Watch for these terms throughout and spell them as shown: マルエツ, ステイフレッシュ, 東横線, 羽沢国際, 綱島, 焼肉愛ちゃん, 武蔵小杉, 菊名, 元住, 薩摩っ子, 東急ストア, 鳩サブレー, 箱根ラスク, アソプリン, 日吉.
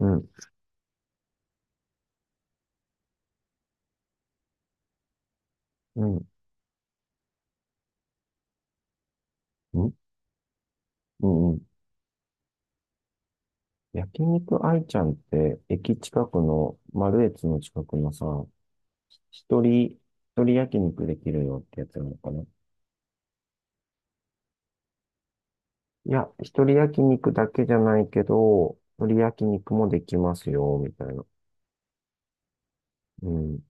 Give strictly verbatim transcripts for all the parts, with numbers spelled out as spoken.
うん、うん、うん、うん。うん。焼肉愛ちゃんって、駅近くの、マルエツの近くのさ、一人、一人焼肉できるよってやつなのかない、や、一人焼肉だけじゃないけど、一人焼肉もできますよ、みたいな。うん。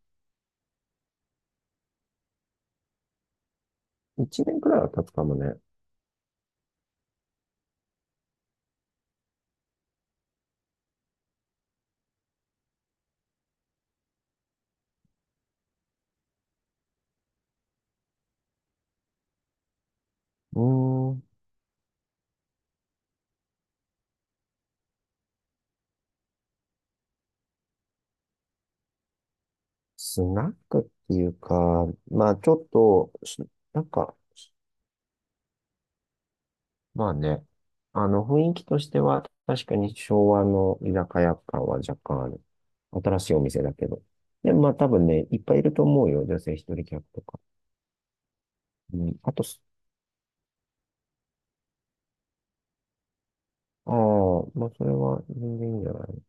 いちねんくらいは経つかもね。うーん。スナックっていうか、まあちょっと、し、なんか、まあね、あの、雰囲気としては、確かに昭和の居酒屋感は若干ある。新しいお店だけど。で、まあ多分ね、いっぱいいると思うよ。女性一人客とか。うん。あとす、ああ、まあそれは全然いいんじゃない？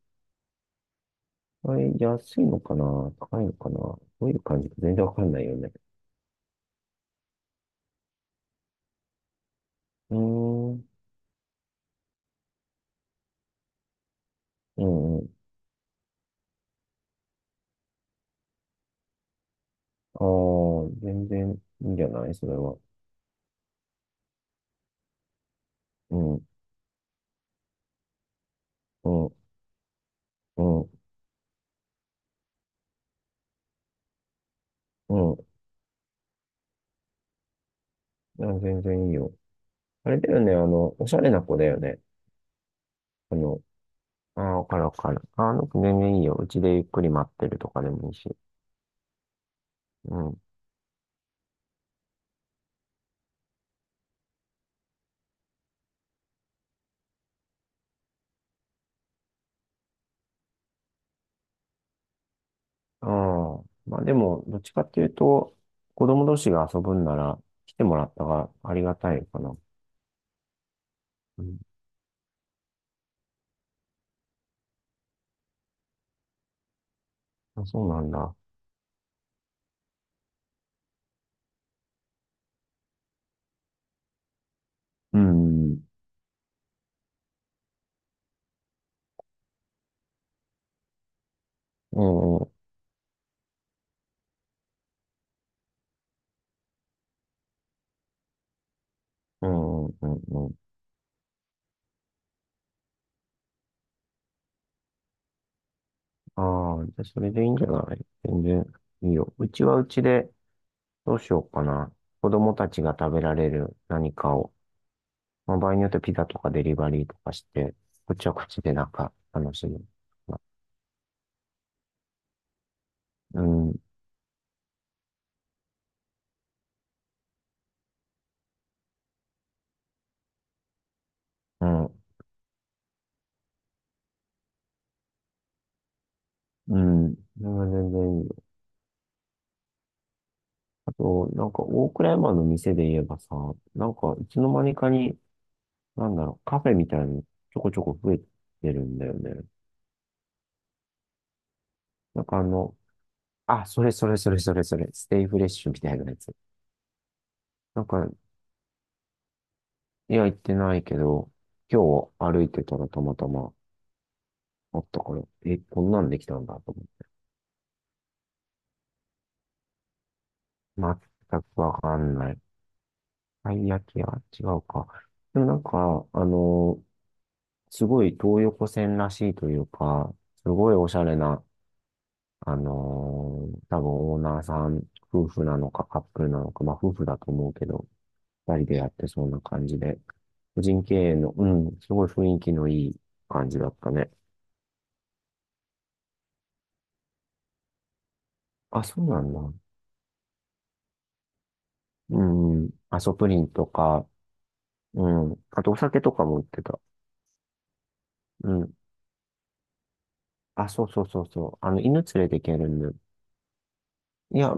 はい、安いのかな、高いのかな、どういう感じか全然わかんないよね。うーん。うんうん。ああ、全然いいんじゃないそれは。うん、うん、うん、うん。あ、全然いいよ。あれだよね、あの、おしゃれな子だよね。あの、ああ、わかるわかる。ああ、なんか全然いいよ。うちでゆっくり待ってるとかでもいいし。うん。ああ。まあでも、どっちかっていうと、子供同士が遊ぶんなら来てもらったがありがたいかな。うん。あ、そうなんだ。うん。うんうんうんうんうん。ああ、じゃあそれでいいんじゃない？全然いいよ。うちはうちでどうしようかな。子供たちが食べられる何かを、まあ、場合によってピザとかデリバリーとかして、こっちはこっちでなんか楽しむ。うん。うん。うん。それは全然いいよ。あと、なんか、大倉山の店で言えばさ、なんか、いつの間にかに、なんだろう、カフェみたいなのちょこちょこ増えてるんだよね。なんかあの、あ、それそれそれそれそれ、ステイフレッシュみたいなやつ。なんか、いや、行ってないけど、今日歩いてたらたまたまあったから、え、こんなんできたんだと思って。全くわかんない。たい焼き屋違うか。でもなんか、あの、すごい東横線らしいというか、すごいおしゃれな、あのー多分オーナーさん、夫婦なのかカップルなのか、まあ夫婦だと思うけど、二人でやってそうな感じで、個人経営の、うん、すごい雰囲気のいい感じだったね。あ、そうなんだ。うん、アソプリンとか、うん、あとお酒とかも売ってた。うん。あ、そうそうそうそう。あの、犬連れていけるんだ。いや、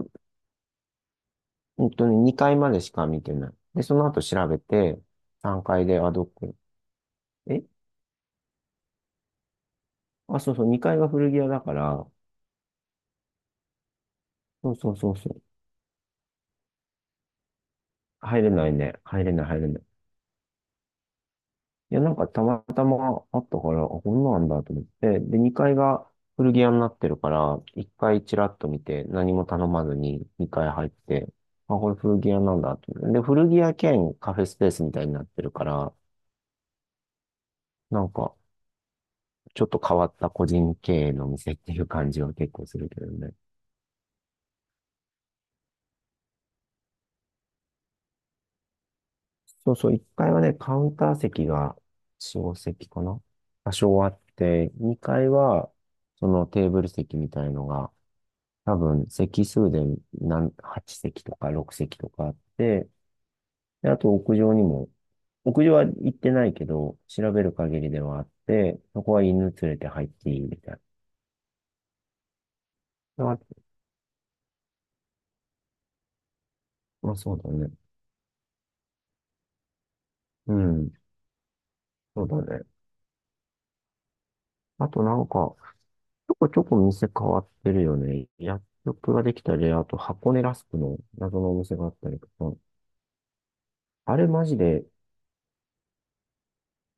本当ににかいまでしか見てない。で、その後調べて、さんがいで、あ、どこ、え、あ、そうそう、にかいが古着屋だから、そうそうそうそう。入れないね。入れない、入れない。いや、なんかたまたまあったから、あ、こんなんだと思って。で、にかいが古着屋になってるから、いっかいチラッと見て、何も頼まずににかい入って、あ、これ古着屋なんだと思って。で、古着屋兼カフェスペースみたいになってるから、なんか、ちょっと変わった個人経営の店っていう感じは結構するけどね。そうそう、いっかいはね、カウンター席がよん、席かな、多少あって、にかいは、そのテーブル席みたいのが、多分、席数で何、はっせき席とかろくせき席とかあって、で、あと屋上にも、屋上は行ってないけど、調べる限りではあって、そこは犬連れて入っていいみたいな。あ、まあ、そうだね。うん、そうだね。あとなんか、ちょこちょこ店変わってるよね。薬局ができたり、あと箱根ラスクの謎のお店があったりとか。あれマジで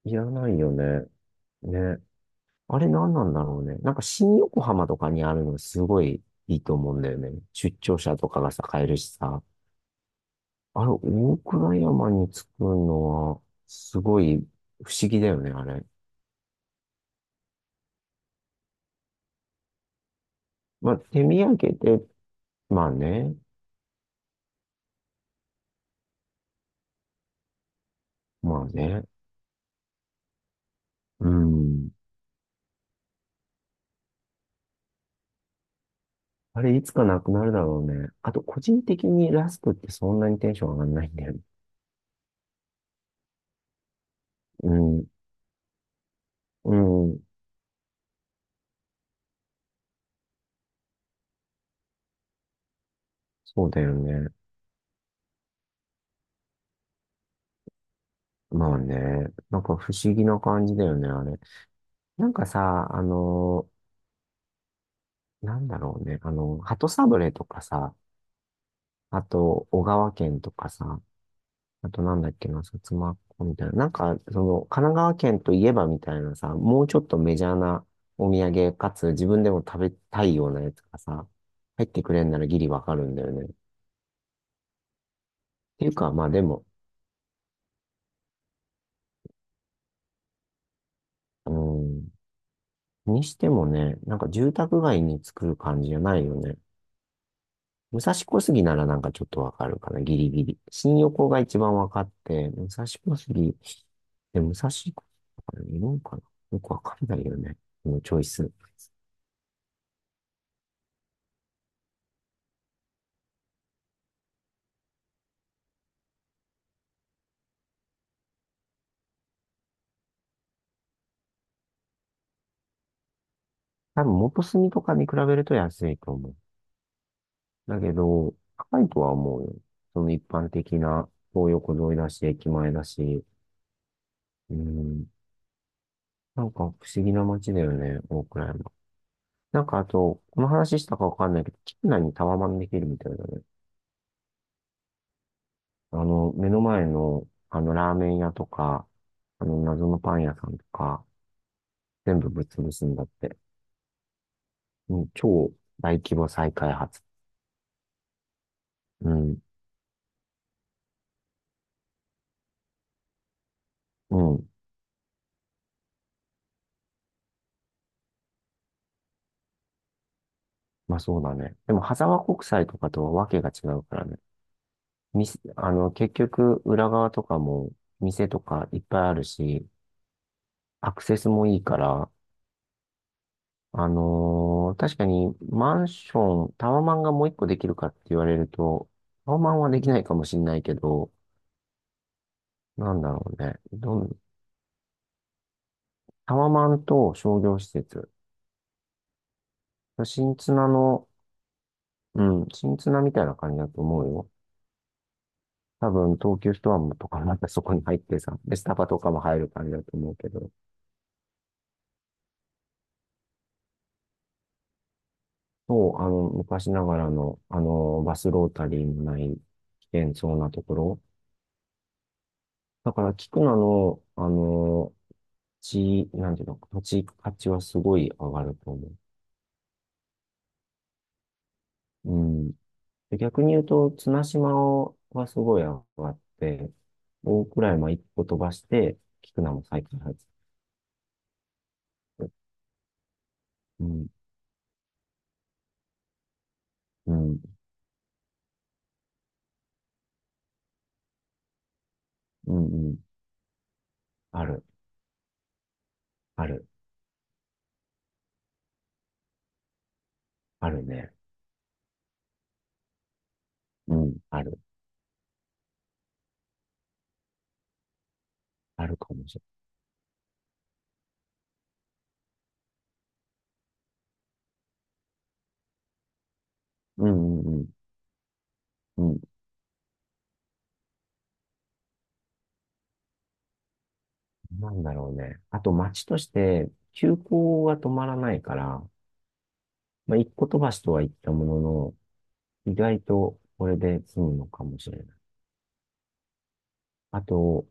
いらないよね。ね。あれ何なんだろうね。なんか新横浜とかにあるのすごいいいと思うんだよね。出張者とかがさ、買えるしさ。あれ、大倉山に作るのは、すごい不思議だよね、あれ。まあ、手土産で、まあね。まあね。うん。あれ、いつかなくなるだろうね。あと、個人的にラスクってそんなにテンション上がんないんだよね。うん、うん、そうだよね。まあね、なんか不思議な感じだよね、あれ。なんかさ、あの、なんだろうね、あの、鳩サブレーとかさ、あと、小川県とかさ、あとなんだっけな、薩摩っ子みたいな。なんか、その、神奈川県といえばみたいなさ、もうちょっとメジャーなお土産かつ自分でも食べたいようなやつがさ、入ってくれんならギリわかるんだよね。ていうか、まあでも、うん、にしてもね、なんか住宅街に作る感じじゃないよね。武蔵小杉ならなんかちょっとわかるかな、ギリギリ。新横が一番わかって、武蔵小杉、で、武蔵小杉とかいるんかな、よくわかんないよね。このチョイス。多分元住とかに比べると安いと思う。だけど、高いとは思うよ。その一般的な東横沿いだし、駅前だし。うん。なんか不思議な街だよね、大倉山。なんかあと、この話したかわかんないけど、キ内にタワマンできるみたいだね。あの、目の前の、あの、ラーメン屋とか、あの、謎のパン屋さんとか、全部ぶっ潰すんだって。うん、超大規模再開発。うん、うん。まあそうだね。でも、羽沢国際とかとはわけが違うからね。み、あの、結局、裏側とかも、店とかいっぱいあるし、アクセスもいいから、あのー確かにマンション、タワマンがもう一個できるかって言われると、タワマンはできないかもしれないけど、なんだろうね。どん、タワマンと商業施設。新綱の、うん、新綱みたいな感じだと思うよ。多分、東急ストアもとかまたそこに入ってさ、で、スタバとかも入る感じだと思うけど、そう、あの、昔ながらの、あの、バスロータリーのない危険そうなところ。だから、聞くなの、あの地、なんていうの、土地価値はすごい上がると思う。うん。で、逆に言うと、綱島はすごい上がって、大蔵山一個飛ばして、菊名も再開発して。うん、うん、うん、うん。ある、ある、あるね。うん、ある、あるかもしれない。うん、うん、うん。うん、なんだろうね。あと街として、急行が止まらないから、まあ、一個飛ばしとは言ったものの、意外とこれで済むのかもしれない。あと、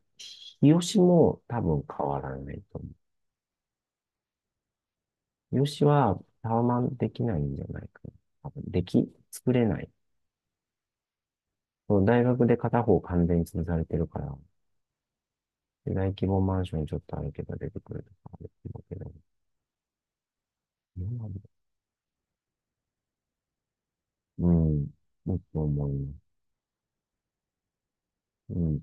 日吉も多分変わらないと思う。日吉はタワマンできないんじゃないかな。多分でき、作れない。その大学で片方完全に潰されてるから、大規模マンションちょっとあるけど出てくるとかあるうけど。うんうん。もっと思います。うん。